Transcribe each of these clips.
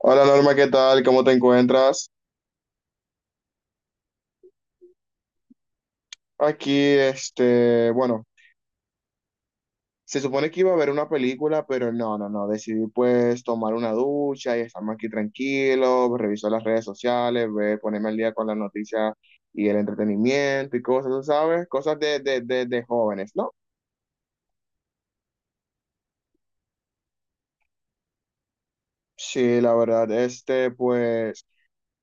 Hola Norma, ¿qué tal? ¿Cómo te encuentras? Aquí, bueno, se supone que iba a ver una película, pero no, decidí pues tomar una ducha y estamos aquí tranquilos. Reviso las redes sociales, ver, ponerme al día con las noticias y el entretenimiento y cosas, ¿sabes? Cosas de jóvenes, ¿no? Sí, la verdad, pues...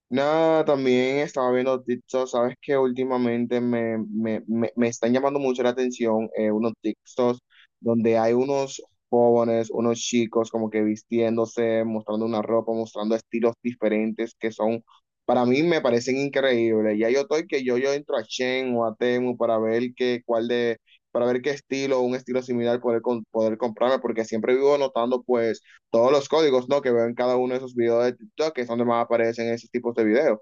Nada, también estaba viendo TikTok. Sabes que últimamente me están llamando mucho la atención unos TikToks donde hay unos jóvenes, unos chicos como que vistiéndose, mostrando una ropa, mostrando estilos diferentes que son, para mí me parecen increíbles. Ya yo estoy que yo entro a Shein o a Temu para ver qué, para ver qué estilo, un estilo similar poder, poder comprarme, porque siempre vivo notando pues todos los códigos, ¿no? Que veo en cada uno de esos videos de TikTok, que es donde más aparecen esos tipos de videos.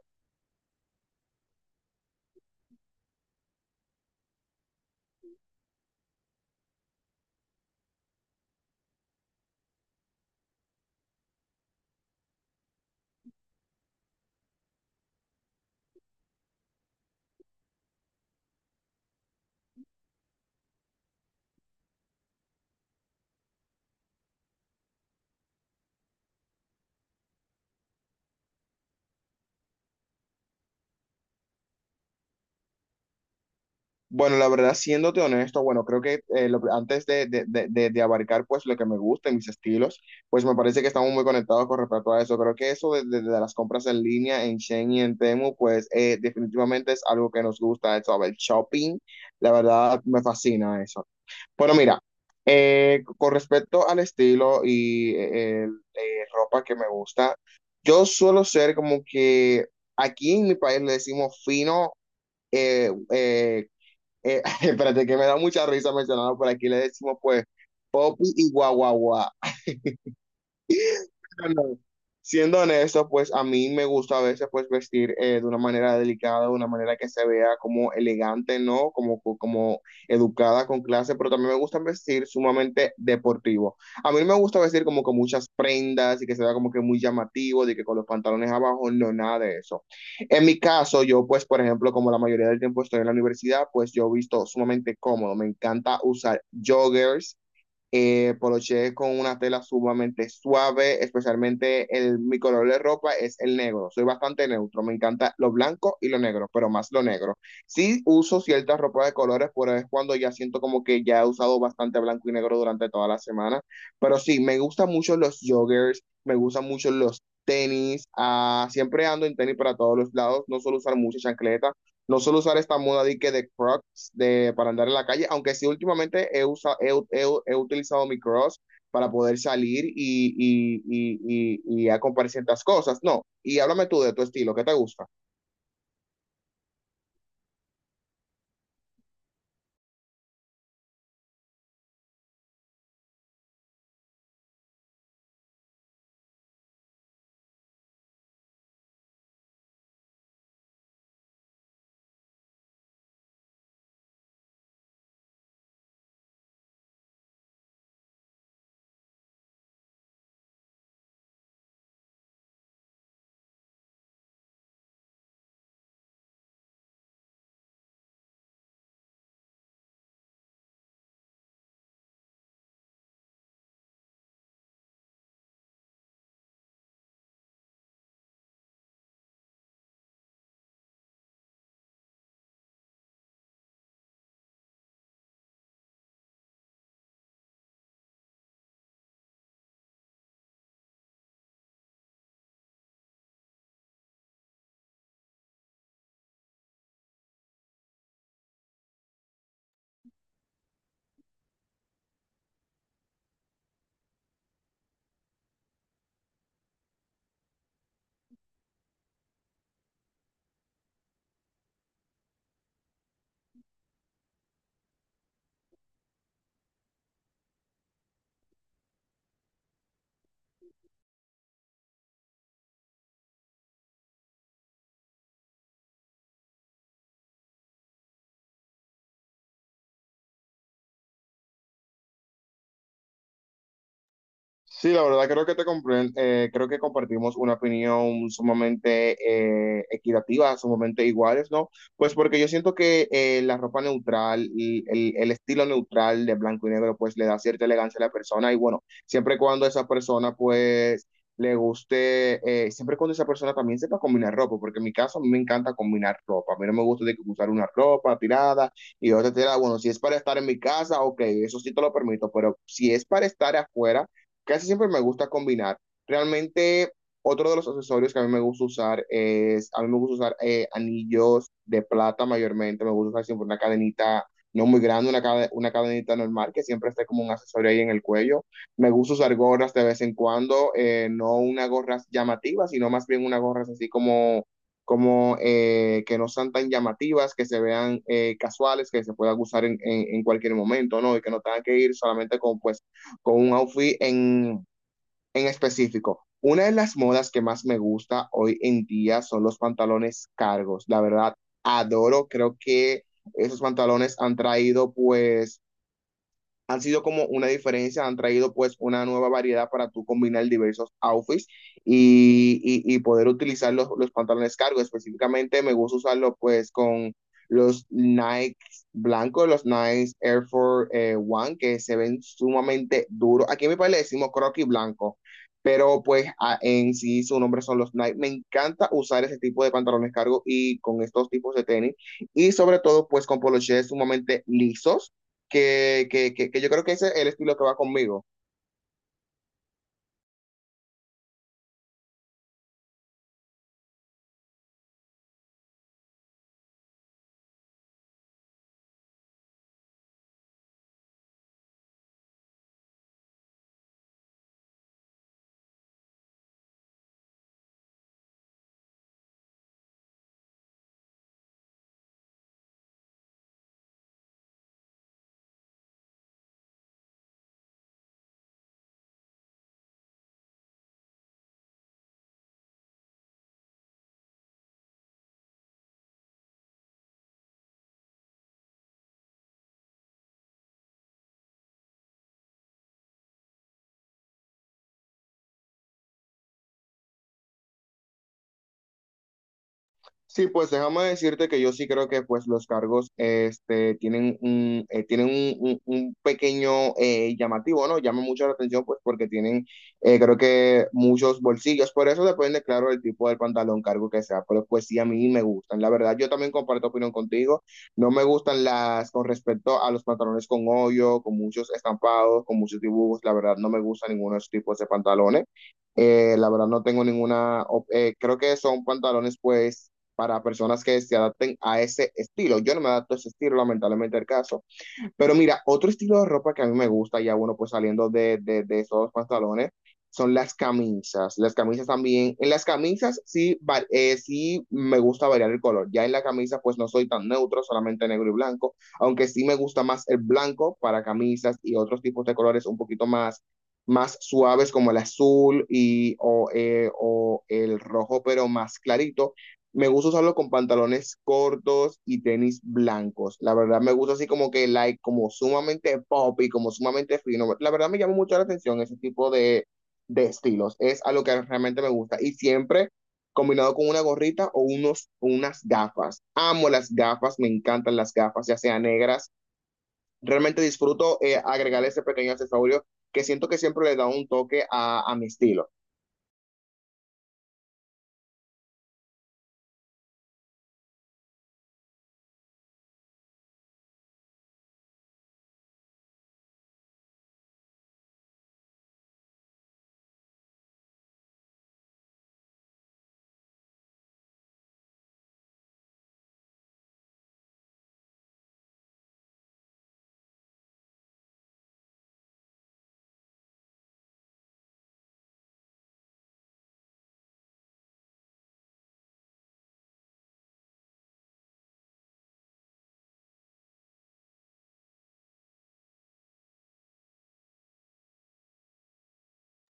Bueno, la verdad, siéndote honesto, bueno, creo que antes de abarcar pues lo que me gusta y mis estilos, pues me parece que estamos muy conectados con respecto a eso. Creo que eso de las compras en línea en Shein y en Temu, pues definitivamente es algo que nos gusta, eso, el shopping, la verdad me fascina eso. Bueno, mira, con respecto al estilo y ropa que me gusta, yo suelo ser como que aquí en mi país le decimos fino, eh, eh, espérate que me da mucha risa mencionarlo, por aquí le decimos pues popi y guaguaguá. Bueno, siendo honesto, pues a mí me gusta a veces pues vestir de una manera delicada, de una manera que se vea como elegante, ¿no? Como, como educada, con clase, pero también me gusta vestir sumamente deportivo. A mí no me gusta vestir como con muchas prendas y que se vea como que muy llamativo, de que con los pantalones abajo, no, nada de eso. En mi caso, yo pues, por ejemplo, como la mayoría del tiempo estoy en la universidad, pues yo visto sumamente cómodo. Me encanta usar joggers, poloché con una tela sumamente suave, especialmente mi color de ropa es el negro. Soy bastante neutro, me encanta lo blanco y lo negro, pero más lo negro. Sí uso ciertas ropas de colores, pero es cuando ya siento como que ya he usado bastante blanco y negro durante toda la semana. Pero sí, me gustan mucho los joggers, me gustan mucho los tenis, ah, siempre ando en tenis para todos los lados, no suelo usar mucha chancleta, no suelo usar esta moda de que de croc, de, para andar en la calle, aunque sí últimamente he, usa, he, he, he utilizado mi cross para poder salir y a comprar ciertas cosas. No, y háblame tú de tu estilo, ¿qué te gusta? Sí, la verdad creo que creo que compartimos una opinión sumamente equitativa, sumamente iguales, ¿no? Pues porque yo siento que la ropa neutral y el estilo neutral de blanco y negro pues le da cierta elegancia a la persona y bueno, siempre y cuando esa persona pues le guste, siempre y cuando esa persona también sepa combinar ropa, porque en mi caso a mí me encanta combinar ropa, a mí no me gusta de que usar una ropa tirada y otra tirada, bueno, si es para estar en mi casa, ok, eso sí te lo permito, pero si es para estar afuera, casi siempre me gusta combinar. Realmente, otro de los accesorios que a mí me gusta usar es, a mí me gusta usar anillos de plata mayormente, me gusta usar siempre una cadenita no muy grande, una cadenita normal que siempre esté como un accesorio ahí en el cuello. Me gusta usar gorras de vez en cuando, no una gorras llamativas, sino más bien unas gorras así como, como que no sean tan llamativas, que se vean casuales, que se puedan usar en cualquier momento, ¿no? Y que no tengan que ir solamente con pues con un outfit en específico. Una de las modas que más me gusta hoy en día son los pantalones cargos. La verdad, adoro, creo que esos pantalones han traído pues han sido como una diferencia, han traído pues una nueva variedad para tú combinar diversos outfits y poder utilizar los pantalones cargo. Específicamente me gusta usarlo pues con los Nike blancos, los Nike Air Force One, que se ven sumamente duros. Aquí en mi país le decimos croquis blanco, pero pues en sí su nombre son los Nike. Me encanta usar ese tipo de pantalones cargo y con estos tipos de tenis y sobre todo pues con polochés sumamente lisos que yo creo que ese es el estilo que va conmigo. Sí, pues déjame decirte que yo sí creo que pues los cargos este, tienen un, tienen un pequeño llamativo, ¿no? Llama mucho la atención pues porque tienen creo que muchos bolsillos, por eso depende, claro, el tipo del pantalón cargo que sea, pero pues sí a mí me gustan. La verdad, yo también comparto opinión contigo, no me gustan las con respecto a los pantalones con hoyo, con muchos estampados, con muchos dibujos, la verdad no me gustan ninguno de esos tipos de pantalones. La verdad no tengo ninguna, creo que son pantalones pues para personas que se adapten a ese estilo. Yo no me adapto a ese estilo, lamentablemente el caso. Pero mira, otro estilo de ropa que a mí me gusta, ya bueno, pues saliendo de esos pantalones, son las camisas. Las camisas también, en las camisas sí, sí me gusta variar el color. Ya en la camisa pues no soy tan neutro, solamente negro y blanco, aunque sí me gusta más el blanco para camisas y otros tipos de colores un poquito más, más suaves como el azul o el rojo, pero más clarito me gusta usarlo con pantalones cortos y tenis blancos. La verdad me gusta así como que like, como sumamente pop y como sumamente fino. La verdad me llama mucho la atención ese tipo de estilos. Es algo que realmente me gusta. Y siempre combinado con una gorrita o unas gafas. Amo las gafas, me encantan las gafas, ya sean negras. Realmente disfruto agregar ese pequeño accesorio que siento que siempre le da un toque a mi estilo.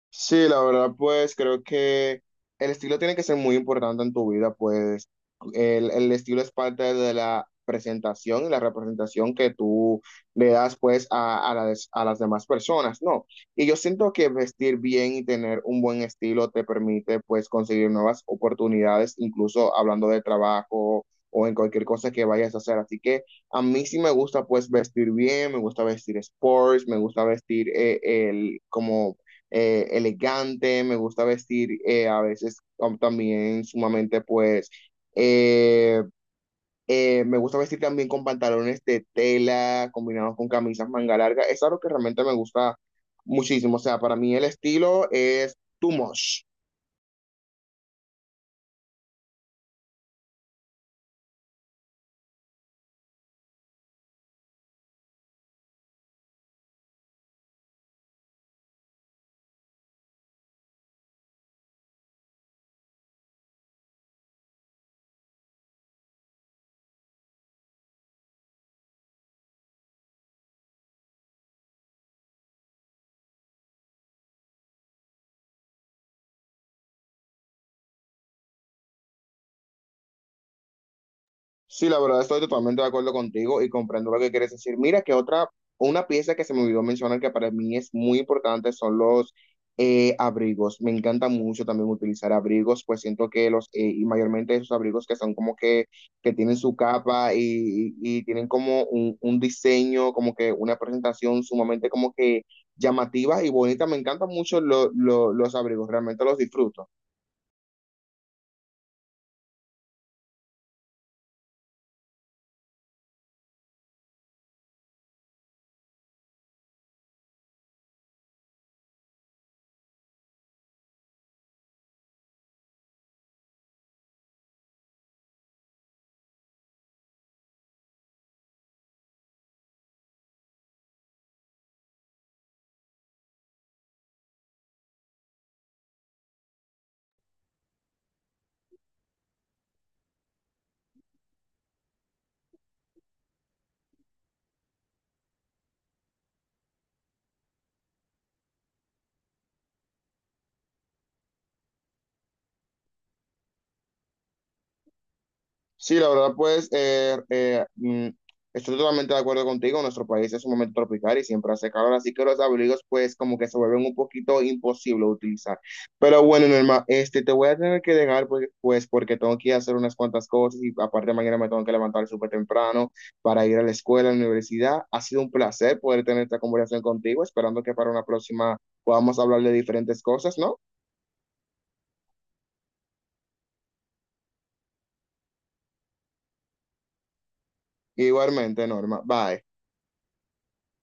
Sí, la verdad, pues creo que el estilo tiene que ser muy importante en tu vida, pues el estilo es parte de la presentación y la representación que tú le das pues a, a las demás personas, ¿no? Y yo siento que vestir bien y tener un buen estilo te permite pues conseguir nuevas oportunidades, incluso hablando de trabajo o en cualquier cosa que vayas a hacer. Así que a mí sí me gusta pues vestir bien, me gusta vestir sports, me gusta vestir el como elegante, me gusta vestir a veces también sumamente pues... eh, me gusta vestir también con pantalones de tela combinados con camisas manga larga. Es algo que realmente me gusta muchísimo. O sea, para mí el estilo es too much. Sí, la verdad estoy totalmente de acuerdo contigo y comprendo lo que quieres decir. Mira que otra, una pieza que se me olvidó mencionar que para mí es muy importante son los abrigos. Me encanta mucho también utilizar abrigos, pues siento que los, y mayormente esos abrigos que son como que tienen su capa y tienen como un diseño, como que una presentación sumamente como que llamativa y bonita. Me encantan mucho los abrigos, realmente los disfruto. Sí, la verdad, pues estoy totalmente de acuerdo contigo. Nuestro país es un momento tropical y siempre hace calor, así que los abrigos, pues, como que se vuelven un poquito imposible de utilizar. Pero bueno, Norma, te voy a tener que dejar, pues, porque tengo que ir a hacer unas cuantas cosas y aparte mañana me tengo que levantar súper temprano para ir a la escuela, a la universidad. Ha sido un placer poder tener esta conversación contigo, esperando que para una próxima podamos hablar de diferentes cosas, ¿no? Igualmente, Norma. Bye.